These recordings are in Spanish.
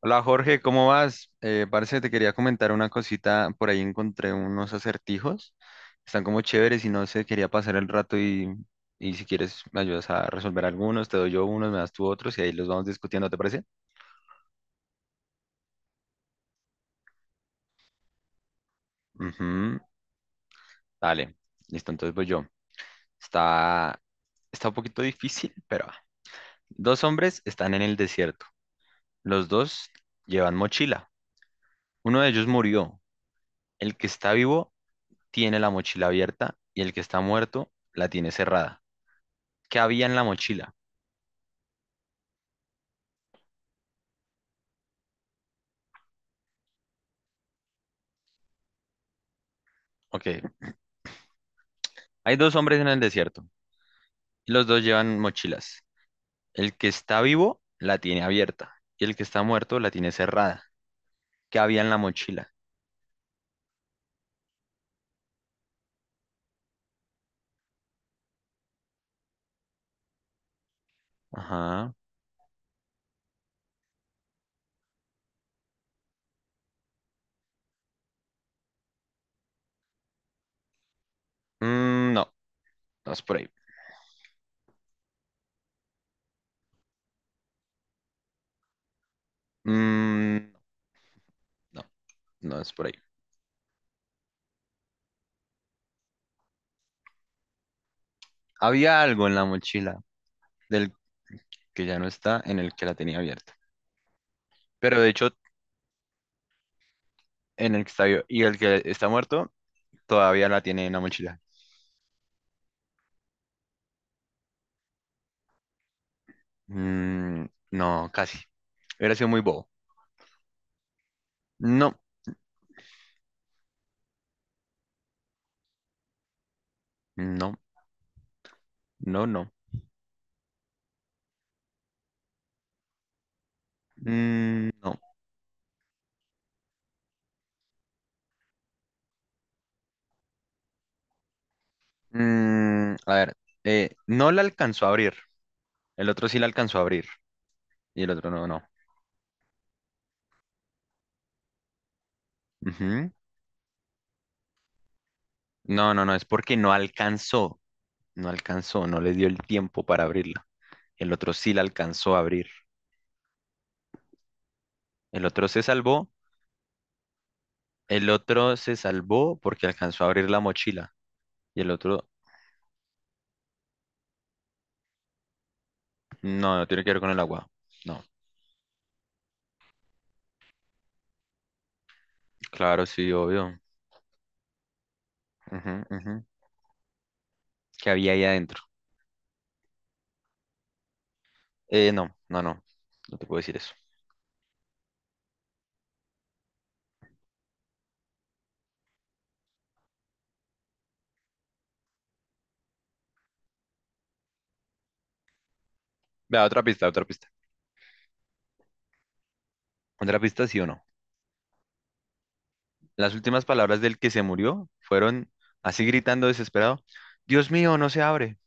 Hola Jorge, ¿cómo vas? Parce, te quería comentar una cosita. Por ahí encontré unos acertijos. Están como chéveres y no sé, quería pasar el rato y si quieres me ayudas a resolver algunos, te doy yo unos, me das tú otros y ahí los vamos discutiendo, ¿te parece? Ujú. Dale, listo, entonces voy yo. Está, está un poquito difícil, pero va. Dos hombres están en el desierto. Los dos llevan mochila. Uno de ellos murió. El que está vivo tiene la mochila abierta y el que está muerto la tiene cerrada. ¿Qué había en la mochila? Ok, hay dos hombres en el desierto y los dos llevan mochilas. El que está vivo la tiene abierta y el que está muerto la tiene cerrada. ¿Qué había en la mochila? Ajá. Mm, no, no es por ahí. Mm, no, no es por ahí. Había algo en la mochila del que ya no está en el que la tenía abierta. Pero de hecho, en el que está vivo y el que está muerto todavía la tiene en la mochila. Mm, no, casi. Hubiera sido muy bobo. No, no, no, no. Mm, no. Mm, a ver, no la alcanzó a abrir. El otro sí la alcanzó a abrir y el otro no, no. Ujú. No, no, no, es porque no alcanzó. No alcanzó, no le dio el tiempo para abrirla. El otro sí la alcanzó a abrir. El otro se salvó. El otro se salvó porque alcanzó a abrir la mochila. Y el otro, no, no tiene que ver con el agua. No. Claro, sí, obvio. Ujú, ujú. ¿Qué había ahí adentro? No, no, no. No te puedo decir eso. Vea, otra pista, otra pista. Otra pista, sí o no. Las últimas palabras del que se murió fueron así gritando desesperado, Dios mío, no se abre.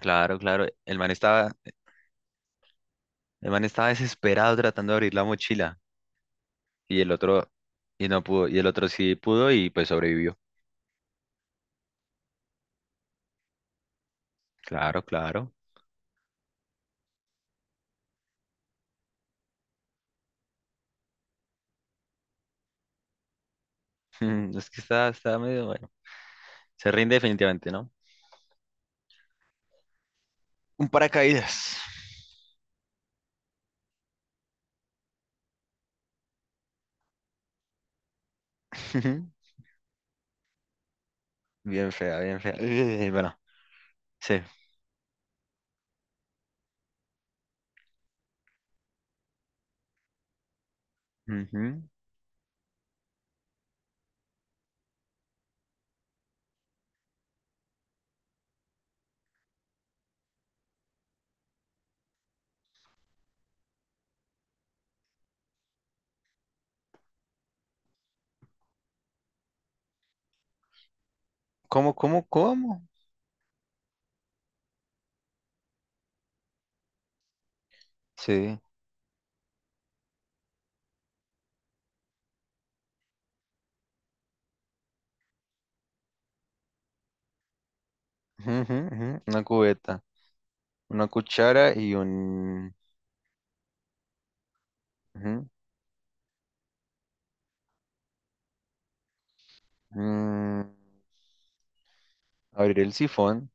Claro, claro. El man estaba desesperado tratando de abrir la mochila y el otro, y no pudo, y el otro sí pudo y pues sobrevivió. Claro, claro. Mm, es que está medio bueno. Se rinde definitivamente, ¿no? Un paracaídas. Ujú. Bien fea, bien fea. Bueno, sí. Ujú. ¿Cómo, cómo, cómo? Sí. Ujú, ujú, ujú. Una cubeta, una cuchara y un... ujú. Mm, abrir el sifón,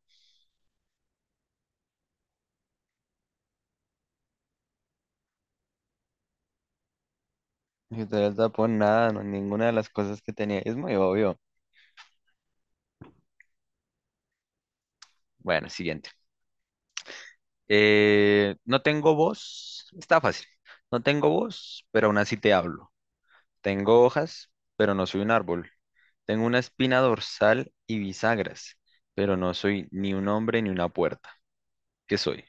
quitar el tapón, nada, no, ninguna de las cosas que tenía. Es muy obvio. Bueno, siguiente. No tengo voz, está fácil. No tengo voz, pero aún así te hablo. Tengo hojas, pero no soy un árbol. Tengo una espina dorsal y bisagras, pero no soy ni un hombre ni una puerta. ¿Qué soy?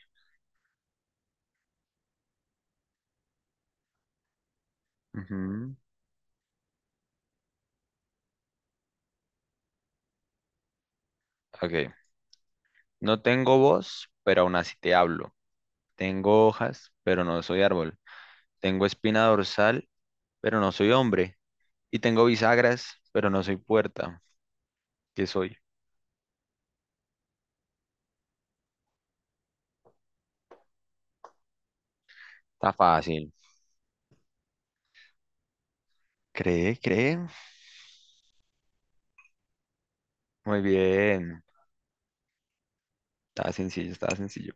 Ujú. Ok. No tengo voz, pero aún así te hablo. Tengo hojas, pero no soy árbol. Tengo espina dorsal, pero no soy hombre. Y tengo bisagras, pero no soy puerta. ¿Qué soy? Está fácil. ¿Cree? ¿Cree? Muy bien. Está sencillo, está sencillo.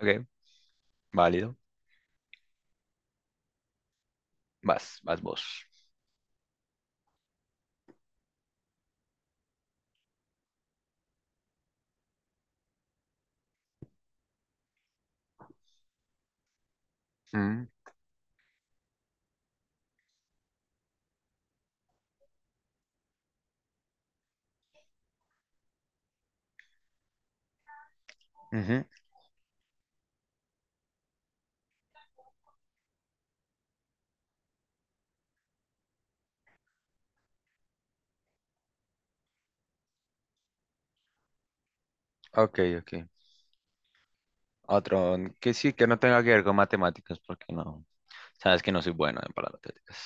Ok, válido. Vas, vas vos. Mm, ujú. Ok, ok. Otro que sí, que no tenga que ver con matemáticas, porque no. Sabes que no soy bueno en palabras técnicas.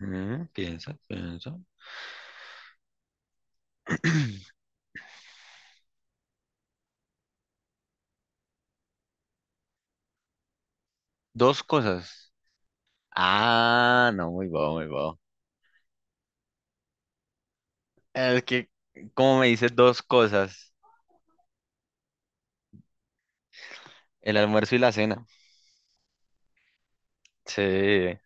Mm, piensa, piensa. Dos cosas. Ah, no, muy bueno, muy bueno. Es que, como me dices dos cosas, el almuerzo y la cena. Sí, es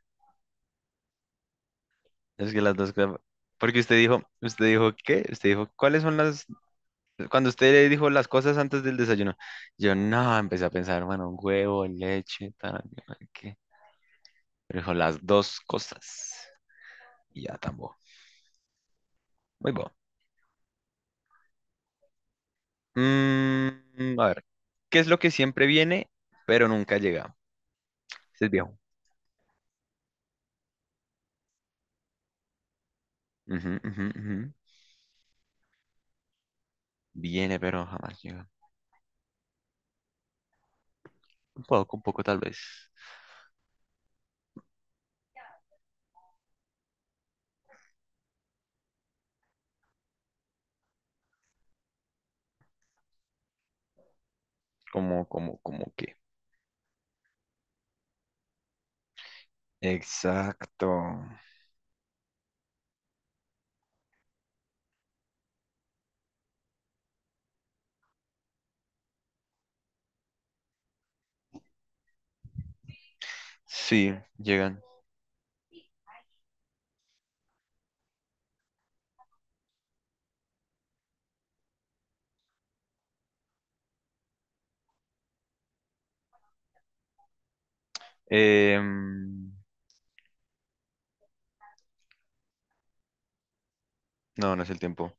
que las dos cosas. Porque usted dijo, ¿qué? Usted dijo, ¿cuáles son las... Cuando usted le dijo las cosas antes del desayuno, yo no, empecé a pensar, bueno, huevo, leche, tal, yo no ¿qué? Pero dijo las dos cosas. Y ya tampoco. Muy bueno. Mm, a ver, ¿qué es lo que siempre viene, pero nunca llega? Ese es viejo. Ujú, ujú, ujú. Viene, pero jamás llega. Un poco tal vez. Como, como, como que. Exacto. Sí, llegan. Em, no, no es el tiempo.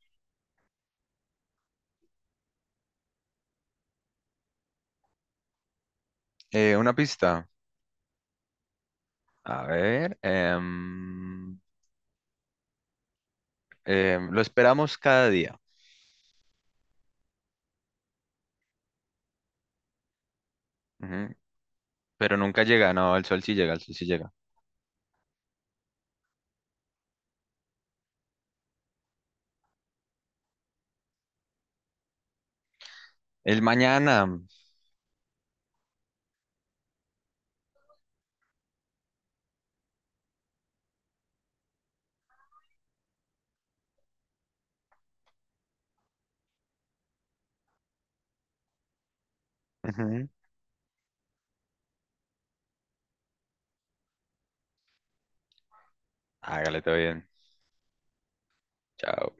Una pista. A ver. Em, lo esperamos cada día. Ujú. Pero nunca llega. No, el sol sí llega, el sol sí llega. El mañana. Ujú. Hágale todo bien. Chao.